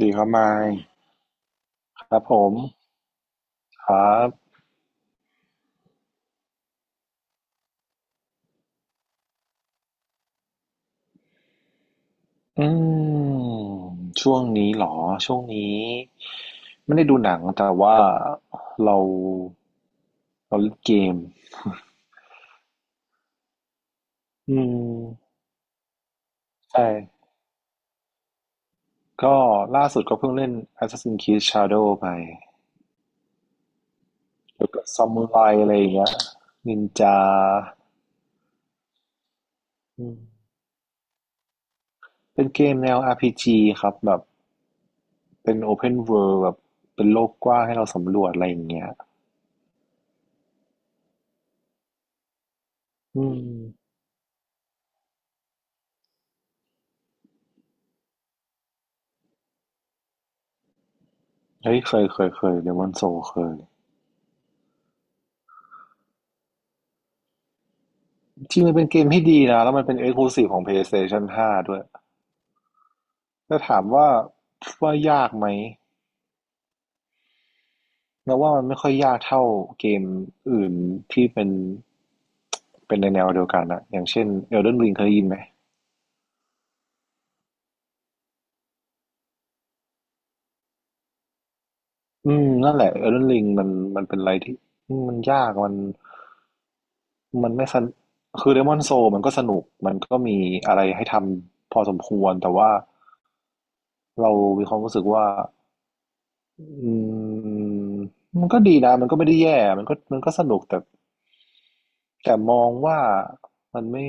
ดีครับมายครับผมครับอืมช่วงนี้เหรอช่วงนี้ไม่ได้ดูหนังแต่ว่าเราเราเล่นเกมอืมใช่ก็ล่าสุดก็เพิ่งเล่น Assassin's Creed Shadow ไปแล้วก็ซามูไรอะไรอย่างเงี้ยนินจาอืมเป็นเกมแนว RPG ครับแบบเป็น Open World แบบเป็นโลกกว้างให้เราสำรวจอะไรอย่างเงี้ยอืมเฮ้ยเคยเดมอนโซเคย จริงมันเป็นเกมที่ดีนะแล้วมันเป็น Exclusive ของ PlayStation 5ด้วยแ้่ถามว่าว่ายากไหมเราว่ามันไม่ค่อยยากเท่าเกมอื่นที่เป็นในแนวเดียวกันนะอย่างเช่น Elden Ring เคยได้ยินไหมอืมนั่นแหละ Elden Ring มันเป็นอะไรที่อืมมันยากมันไม่สนคือ Demon Soul มันก็สนุกมันก็มีอะไรให้ทำพอสมควรแต่ว่าเรามีความรู้สึกว่า อืมมันก็ดีนะมันก็ไม่ได้แย่มันก็สนุกแต่แต่มองว่ามันไม่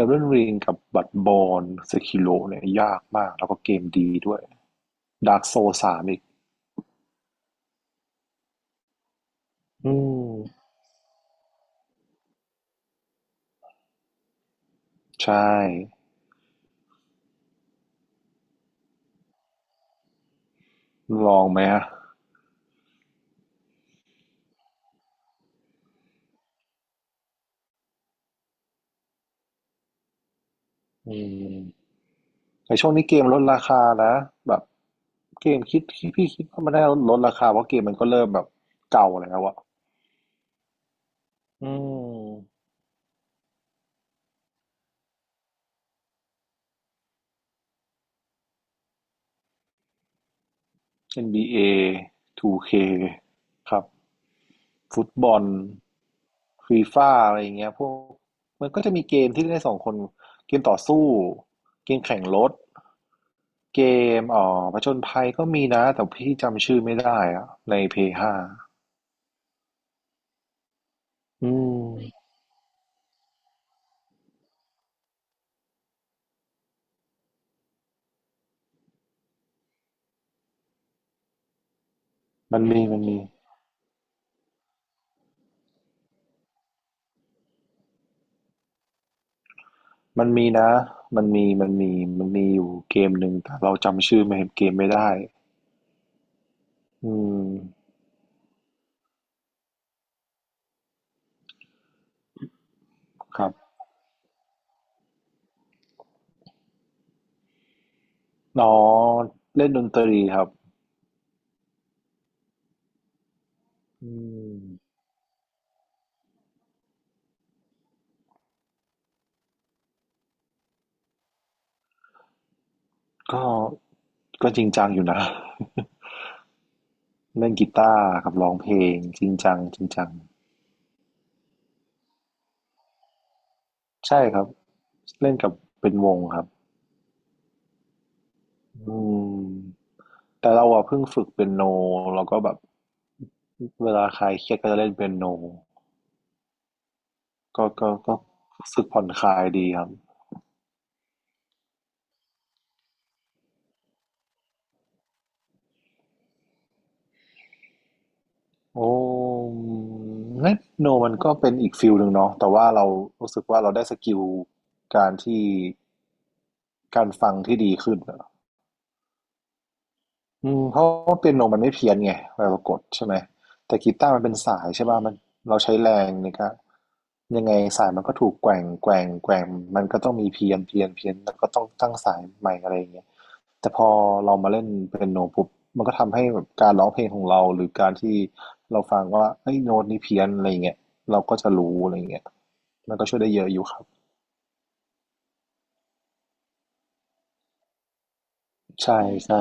Elden Ring กับ Bloodborne Sekiro เนี่ยยากมากแล้วก็เกมดีด้วย Dark Souls สามอีกอืมใช่ลองไหมอะอืมในช่วงนี้เกมลดราคานะแบบเกมคิดพี่คิดว่ามันได้ลดราคาเพราะเกมมันก็เริ่มแบบเก่าแล้วอะอืม NBA 2K ครับ ฟุตบอลฟีฟ่าอะไรอย่างเงี้ยพวกมันก็จะมีเกมที่เล่นได้สองคนเกมต่อสู้เกมแข่งรถเกมอ๋อผจญภัยก็มีนะแต่พี่จำชื่อไม่ได้อะในเพย์ห้าอืมมันมีมันมีมันมีนะมันมีมันมีมันมีอยู่เกมหนึ่งแต่เราจำชื่อไม่เกมไม่ได้อืมครับน้องเล่นดนตรีครับอืมก็ก็จริงจังอยู่นะ เล่นกีตาร์กับร้องเพลงจริงจังจริงจังใช่ครับเล่นกับเป็นวงครับอืมแต่เราอะเพิ่งฝึกเปียโนแล้วก็แบบเวลาคลายเครียดก็จะเล่นเปียโนก็รู้สึกผ่อนคลายดีครับโอ้เล่นเปียโนมันก็เป็นอีกฟิลหนึ่งเนาะแต่ว่าเรารู้สึกว่าเราได้สกิลการที่การฟังที่ดีขึ้นอะ อืมเพราะว่าเปียโนมันไม่เพี้ยนไงเวลากดใช่ไหมแต่กีตาร์มันเป็นสายใช่ป่ะมันเราใช้แรงนี่ครับยังไงสายมันก็ถูกแกว่งแกว่งแกว่งมันก็ต้องมีเพี้ยนเพี้ยนเพี้ยนแล้วก็ต้องตั้งสายใหม่อะไรอย่างเงี้ยแต่พอเรามาเล่นเปียโนปุ๊บมันก็ทำให้แบบการร้องเพลงของเราหรือการที่เราฟังว่าเอ้ยโน้ตนี้เพี้ยนอะไรอย่างเงี้ยเราก็จะรู้อะไรอย่างเงี้ยมันก็ช่วยได้เยอะอยู่ครับใช่ใช่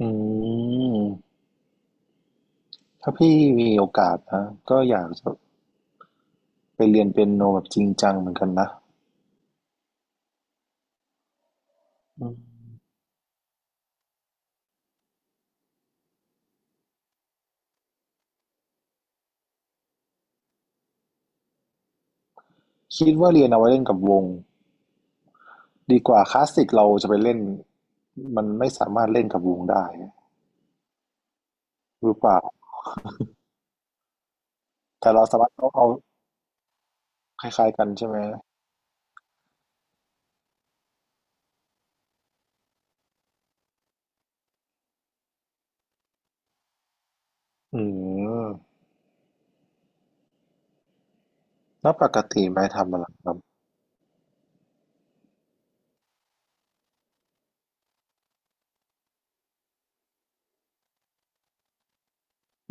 อืมถ้าพี่มีโอกาสนะก็อยากจะ ไปเรียนเปียโนแบบจริงจังเหมือนกันนะคิดว่าเรียนเอาไว้เล่นกับวงดีกว่าคลาสสิกเราจะไปเล่นมันไม่สามารถเล่นกับวงได้หรือเปล่าแต่เราสามารถเอาคล้ายๆกันใช่ไหมอืมแล้วปกติไปทำอะไรครับ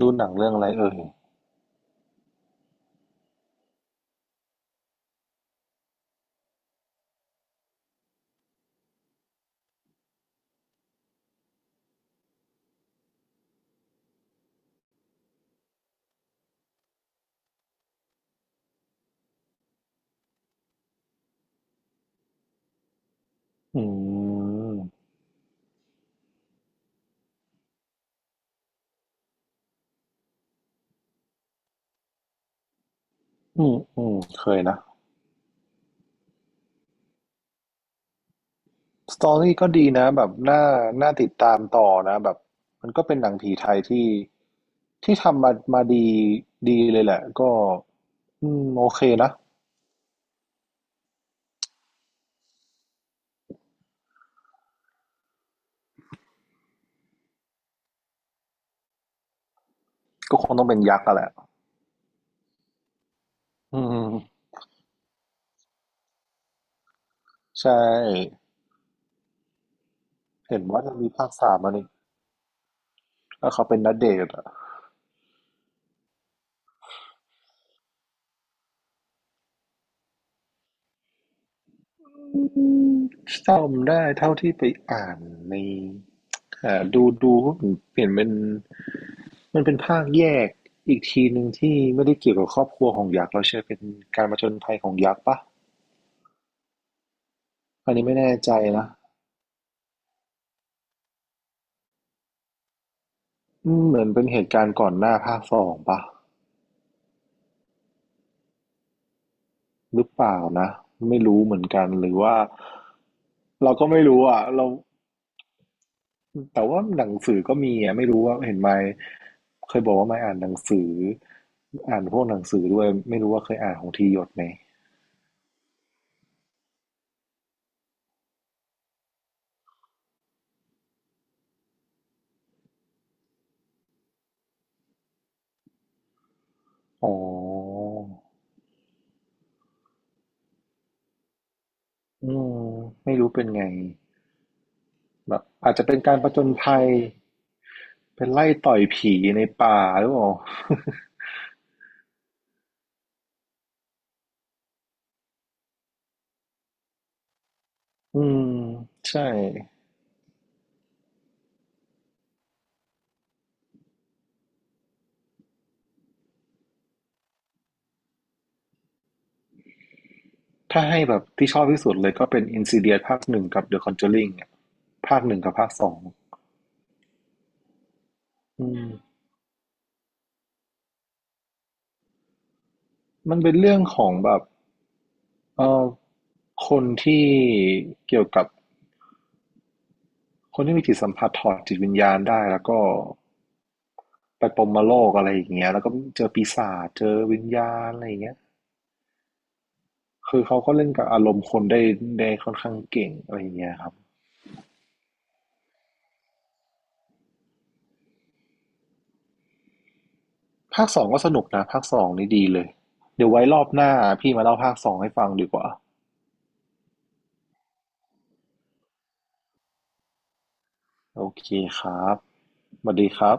ดูหนังเรื่องอะไรเอ่ยอืมอืมอืมเคยนะ สตอรี่ก็ดีนะแบบน่าติดตามต่อนะแบบมันก็เป็นหนังผีไทยที่ที่ทำมามาดีดีเลยแหละก็อืมโอเคนะก็คงต้องเป็นยักษ์อะแหละอืมใช่เห็นว่าจะมีภาคสามมานี่แล้วเขาเป็นณเดชน์อะอืมจำได้เท่าที่ไปอ่านในอ่าดูก็เปลี่ยนเป็นมันเป็นภาคแยกอีกทีหนึ่งที่ไม่ได้เกี่ยวกับครอบครัวของยักษ์แล้วใช่เป็นการมาจนภัยของยักษ์ปะ อันนี้ไม่แน่ใจนะอืมเหมือนเป็นเหตุการณ์ก่อนหน้าภาคสองปะหรือเปล่านะไม่รู้เหมือนกันหรือว่าเราก็ไม่รู้อ่ะเราแต่ว่าหนังสือก็มีอ่ะไม่รู้ว่าเห็นไหมเคยบอกว่าไม่อ่านหนังสืออ่านพวกหนังสือด้วยไม่รู้ว่าเคยอ่านของทีหยดไหมอ๋ออืมไม่รู้เป็นไงแบบอาจจะเป็นการผจญภัยเป็นไล่ต่อยผีในป่าหรือเปล่า อืมใช่ ถ้าให้แบบที่ชอบที่สุดเลยก็เป็น Insidious ภาคหนึ่งกับ The Conjuring อะภาคหนึ่งกับภาคสองอืมมันเป็นเรื่องของแบบเออคนที่เกี่ยวกับคนที่มีจิตสัมผัสถอดจิตวิญญาณได้แล้วก็ไปปรหมโลกอะไรอย่างเงี้ยแล้วก็เจอปีศาจเจอวิญญาณอะไรอย่างเงี้ยคือเขาก็เล่นกับอารมณ์คนได้ค่อนข้างเก่งอะไรอย่างเงี้ยครับภาคสองก็สนุกนะภาคสองนี่ดีเลยเดี๋ยวไว้รอบหน้าพี่มาเล่าภาคสองให้ฟังดีกว่าโอเคครับสวัสดีครับ